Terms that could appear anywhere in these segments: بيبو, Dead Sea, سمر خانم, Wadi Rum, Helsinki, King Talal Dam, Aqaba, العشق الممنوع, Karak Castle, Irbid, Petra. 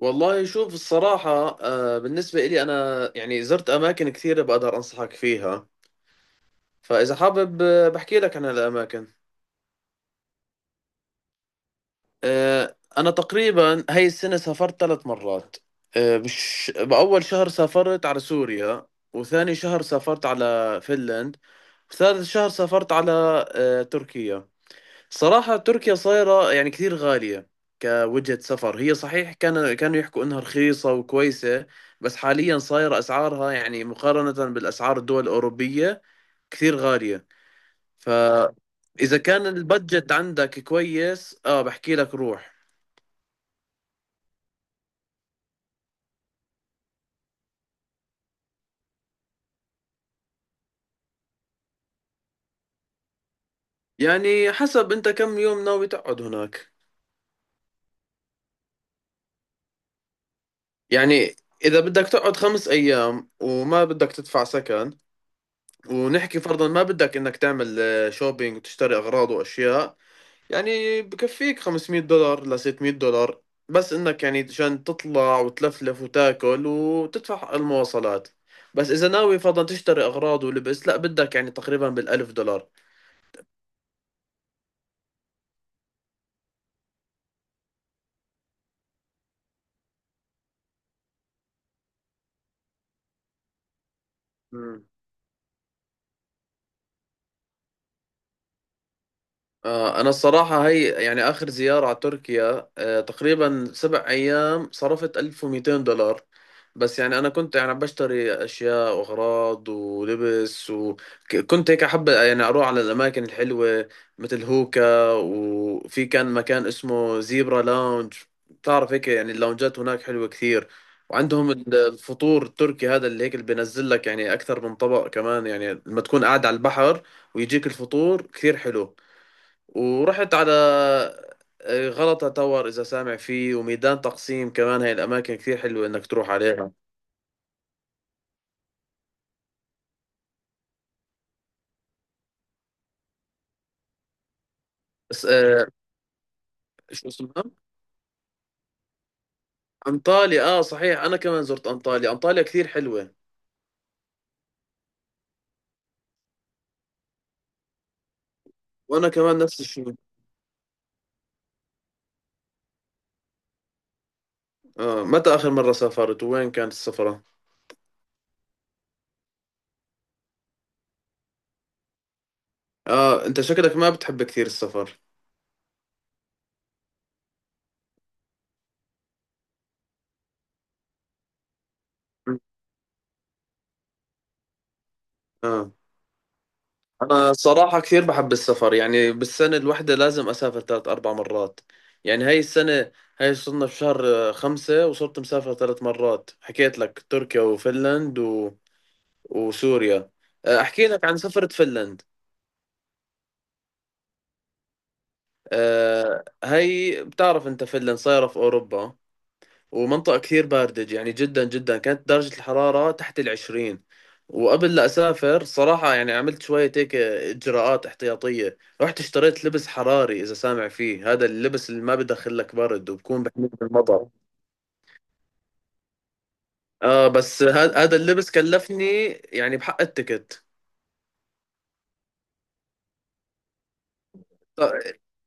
والله شوف الصراحة، بالنسبة إلي أنا يعني زرت أماكن كثيرة بقدر أنصحك فيها. فإذا حابب بحكي لك عن الأماكن. أنا تقريبا هاي السنة سافرت ثلاث مرات. بأول شهر سافرت على سوريا، وثاني شهر سافرت على فنلند، وثالث شهر سافرت على تركيا. صراحة تركيا صايرة يعني كثير غالية كوجهة سفر. هي صحيح كانوا يحكوا إنها رخيصة وكويسة، بس حاليا صايرة أسعارها يعني مقارنة بالأسعار الدول الأوروبية كثير غالية. فإذا كان البادجت عندك كويس، آه بحكي لك روح. يعني حسب أنت كم يوم ناوي تقعد هناك. يعني إذا بدك تقعد 5 أيام وما بدك تدفع سكن، ونحكي فرضا ما بدك إنك تعمل شوبينج وتشتري أغراض وأشياء، يعني بكفيك 500 دولار ل 600 دولار، بس انك يعني عشان تطلع وتلفلف وتاكل وتدفع المواصلات. بس اذا ناوي فرضا تشتري اغراض ولبس، لا بدك يعني تقريبا بالالف دولار. مم. آه انا الصراحة هي يعني اخر زيارة على تركيا، آه تقريبا 7 ايام صرفت 1200 دولار، بس يعني انا كنت يعني بشتري اشياء واغراض ولبس، وكنت هيك احب يعني اروح على الاماكن الحلوه مثل هوكا. وفي كان مكان اسمه زيبرا لاونج، بتعرف هيك يعني اللونجات هناك حلوه كثير، وعندهم الفطور التركي هذا اللي هيك اللي بينزل لك يعني اكثر من طبق كمان، يعني لما تكون قاعد على البحر ويجيك الفطور كثير حلو. ورحت على غلطة تاور، إذا سامع فيه، وميدان تقسيم كمان. هاي الأماكن كثير حلوة إنك تروح عليها. بس شو اسمها، انطاليا. اه صحيح، انا كمان زرت انطاليا، انطاليا كثير حلوة، وانا كمان نفس الشيء. آه، متى اخر مرة سافرت، وين كانت السفرة؟ اه انت شكلك ما بتحب كثير السفر. اه انا صراحة كثير بحب السفر، يعني بالسنة الواحدة لازم اسافر ثلاث اربع مرات. يعني هاي السنة، هاي صرنا بشهر خمسة وصرت مسافر ثلاث مرات، حكيت لك تركيا وفنلند و... وسوريا. احكي لك عن سفرة فنلند. هي بتعرف انت فنلند صايرة في اوروبا، ومنطقة كثير باردة، يعني جدا جدا كانت درجة الحرارة تحت العشرين. وقبل لا اسافر صراحة يعني عملت شوية هيك اجراءات احتياطية، رحت اشتريت لبس حراري، اذا سامع فيه، هذا اللبس اللي ما بدخل لك برد وبكون بحميك من المطر. اه بس هذا اللبس كلفني يعني بحق التكت،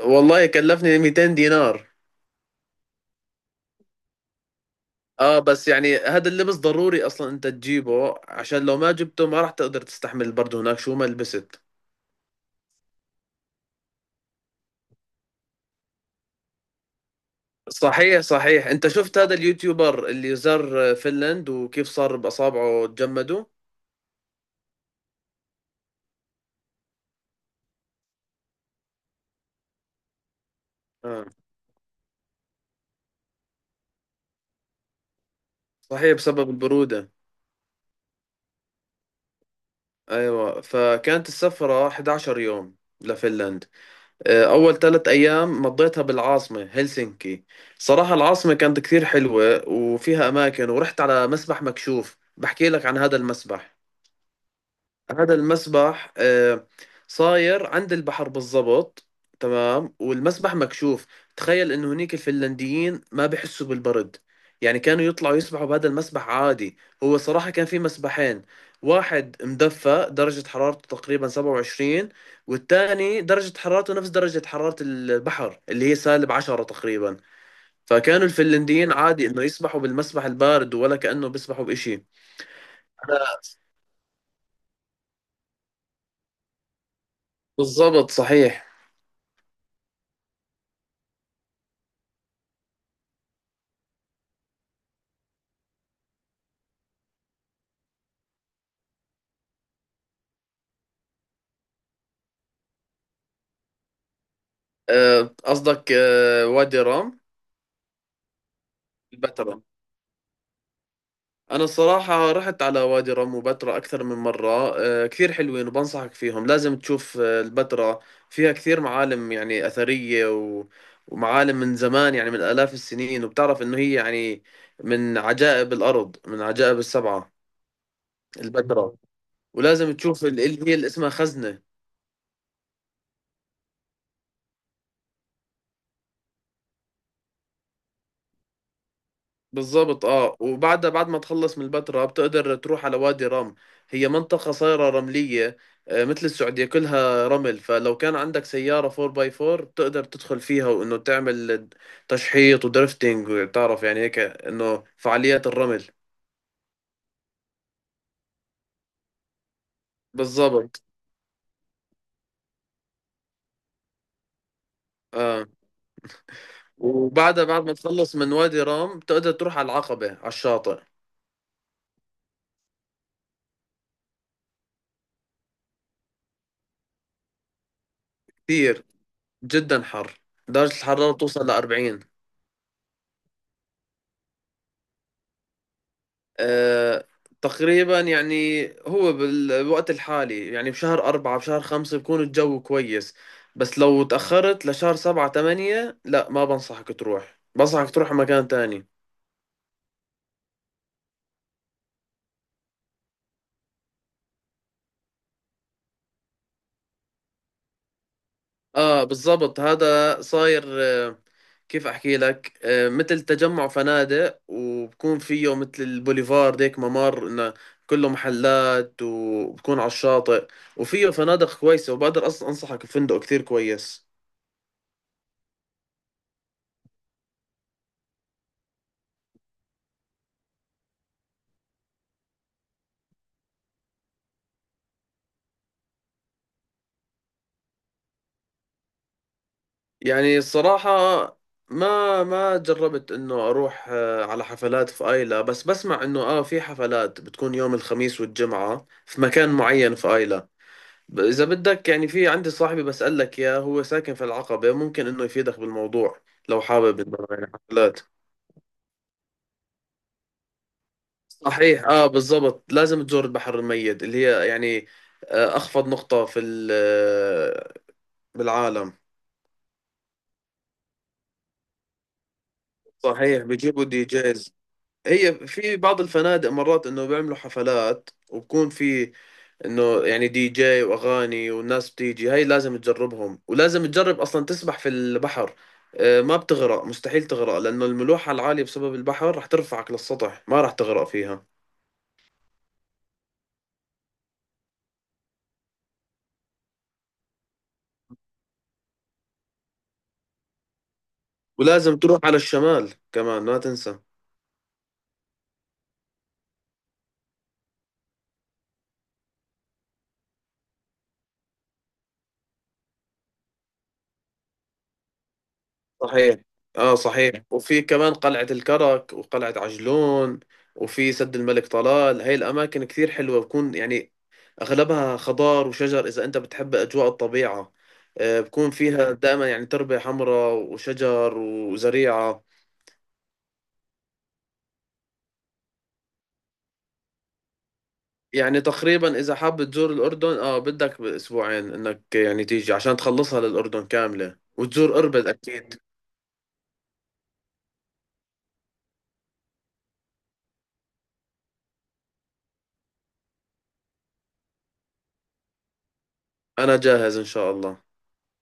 والله كلفني 200 دينار. اه بس يعني هذا اللبس ضروري اصلا انت تجيبه، عشان لو ما جبته ما راح تقدر تستحمل برضه هناك شو ما لبست. صحيح صحيح، انت شفت هذا اليوتيوبر اللي زار فنلند وكيف صار باصابعه تجمدوا؟ آه. صحيح بسبب البرودة. ايوه، فكانت السفرة 11 يوم لفنلند. اول 3 ايام مضيتها بالعاصمة هلسنكي. صراحة العاصمة كانت كثير حلوة وفيها اماكن، ورحت على مسبح مكشوف، بحكي لك عن هذا المسبح. هذا المسبح صاير عند البحر بالضبط، تمام. والمسبح مكشوف، تخيل انه هنيك الفنلنديين ما بحسوا بالبرد، يعني كانوا يطلعوا يسبحوا بهذا المسبح عادي. هو صراحة كان في مسبحين، واحد مدفى درجة حرارته تقريبا 27، والثاني درجة حرارته نفس درجة حرارة البحر اللي هي سالب 10 تقريبا. فكانوا الفنلنديين عادي انه يسبحوا بالمسبح البارد، ولا كأنه بيسبحوا بإشي. أنا- بالضبط صحيح. قصدك وادي رام، البتراء. أنا الصراحة رحت على وادي رام وبتراء أكثر من مرة، كثير حلوين وبنصحك فيهم. لازم تشوف البتراء، فيها كثير معالم يعني أثرية و... ومعالم من زمان، يعني من آلاف السنين. وبتعرف إنه هي يعني من عجائب الأرض، من عجائب السبعة البتراء. ولازم تشوف اللي هي اللي اسمها خزنة. بالظبط. اه، وبعد ما تخلص من البتراء بتقدر تروح على وادي رم. هي منطقة صايرة رملية، مثل السعودية كلها رمل. فلو كان عندك سيارة 4x4 بتقدر تدخل فيها وانه تعمل تشحيط ودرفتنج، وتعرف يعني هيك انه فعاليات الرمل. بالظبط. اه وبعدها بعد ما تخلص من وادي رام بتقدر تروح على العقبة على الشاطئ. كثير جدا حر، درجة الحرارة توصل ل 40. آه، تقريبا يعني هو بالوقت الحالي، يعني بشهر أربعة بشهر خمسة بكون الجو كويس، بس لو تأخرت لشهر سبعة تمانية لا، ما بنصحك تروح، بنصحك تروح مكان تاني. آه بالضبط، هذا صاير كيف أحكي لك، مثل تجمع فنادق، وبكون فيه مثل البوليفارد هيك ممر إنه كله محلات، وبكون على الشاطئ. وفيه فنادق كويسة، وبقدر أنصحك بفندق كتير كويس. يعني الصراحة ما جربت انه اروح على حفلات في ايلا، بس بسمع انه اه في حفلات بتكون يوم الخميس والجمعة في مكان معين في ايلا. اذا بدك يعني، في عندي صاحبي بسألك اياه، هو ساكن في العقبة، ممكن انه يفيدك بالموضوع لو حابب انه يعني حفلات. صحيح اه بالضبط، لازم تزور البحر الميت، اللي هي يعني اخفض نقطة في بالعالم. صحيح بيجيبوا دي جيز. هي في بعض الفنادق مرات انه بيعملوا حفلات، وبكون في انه يعني دي جي واغاني والناس بتيجي. هاي لازم تجربهم، ولازم تجرب اصلا تسبح في البحر. ما بتغرق، مستحيل تغرق، لانه الملوحة العالية بسبب البحر رح ترفعك للسطح، ما رح تغرق فيها. ولازم تروح على الشمال كمان، ما تنسى. صحيح اه صحيح، وفي كمان قلعة الكرك وقلعة عجلون، وفي سد الملك طلال. هاي الأماكن كثير حلوة، بكون يعني أغلبها خضار وشجر، إذا أنت بتحب أجواء الطبيعة. بكون فيها دائما يعني تربة حمراء وشجر وزريعة. يعني تقريبا إذا حاب تزور الأردن، آه بدك بأسبوعين إنك يعني تيجي عشان تخلصها للأردن كاملة، وتزور أربد أكيد. أنا جاهز إن شاء الله.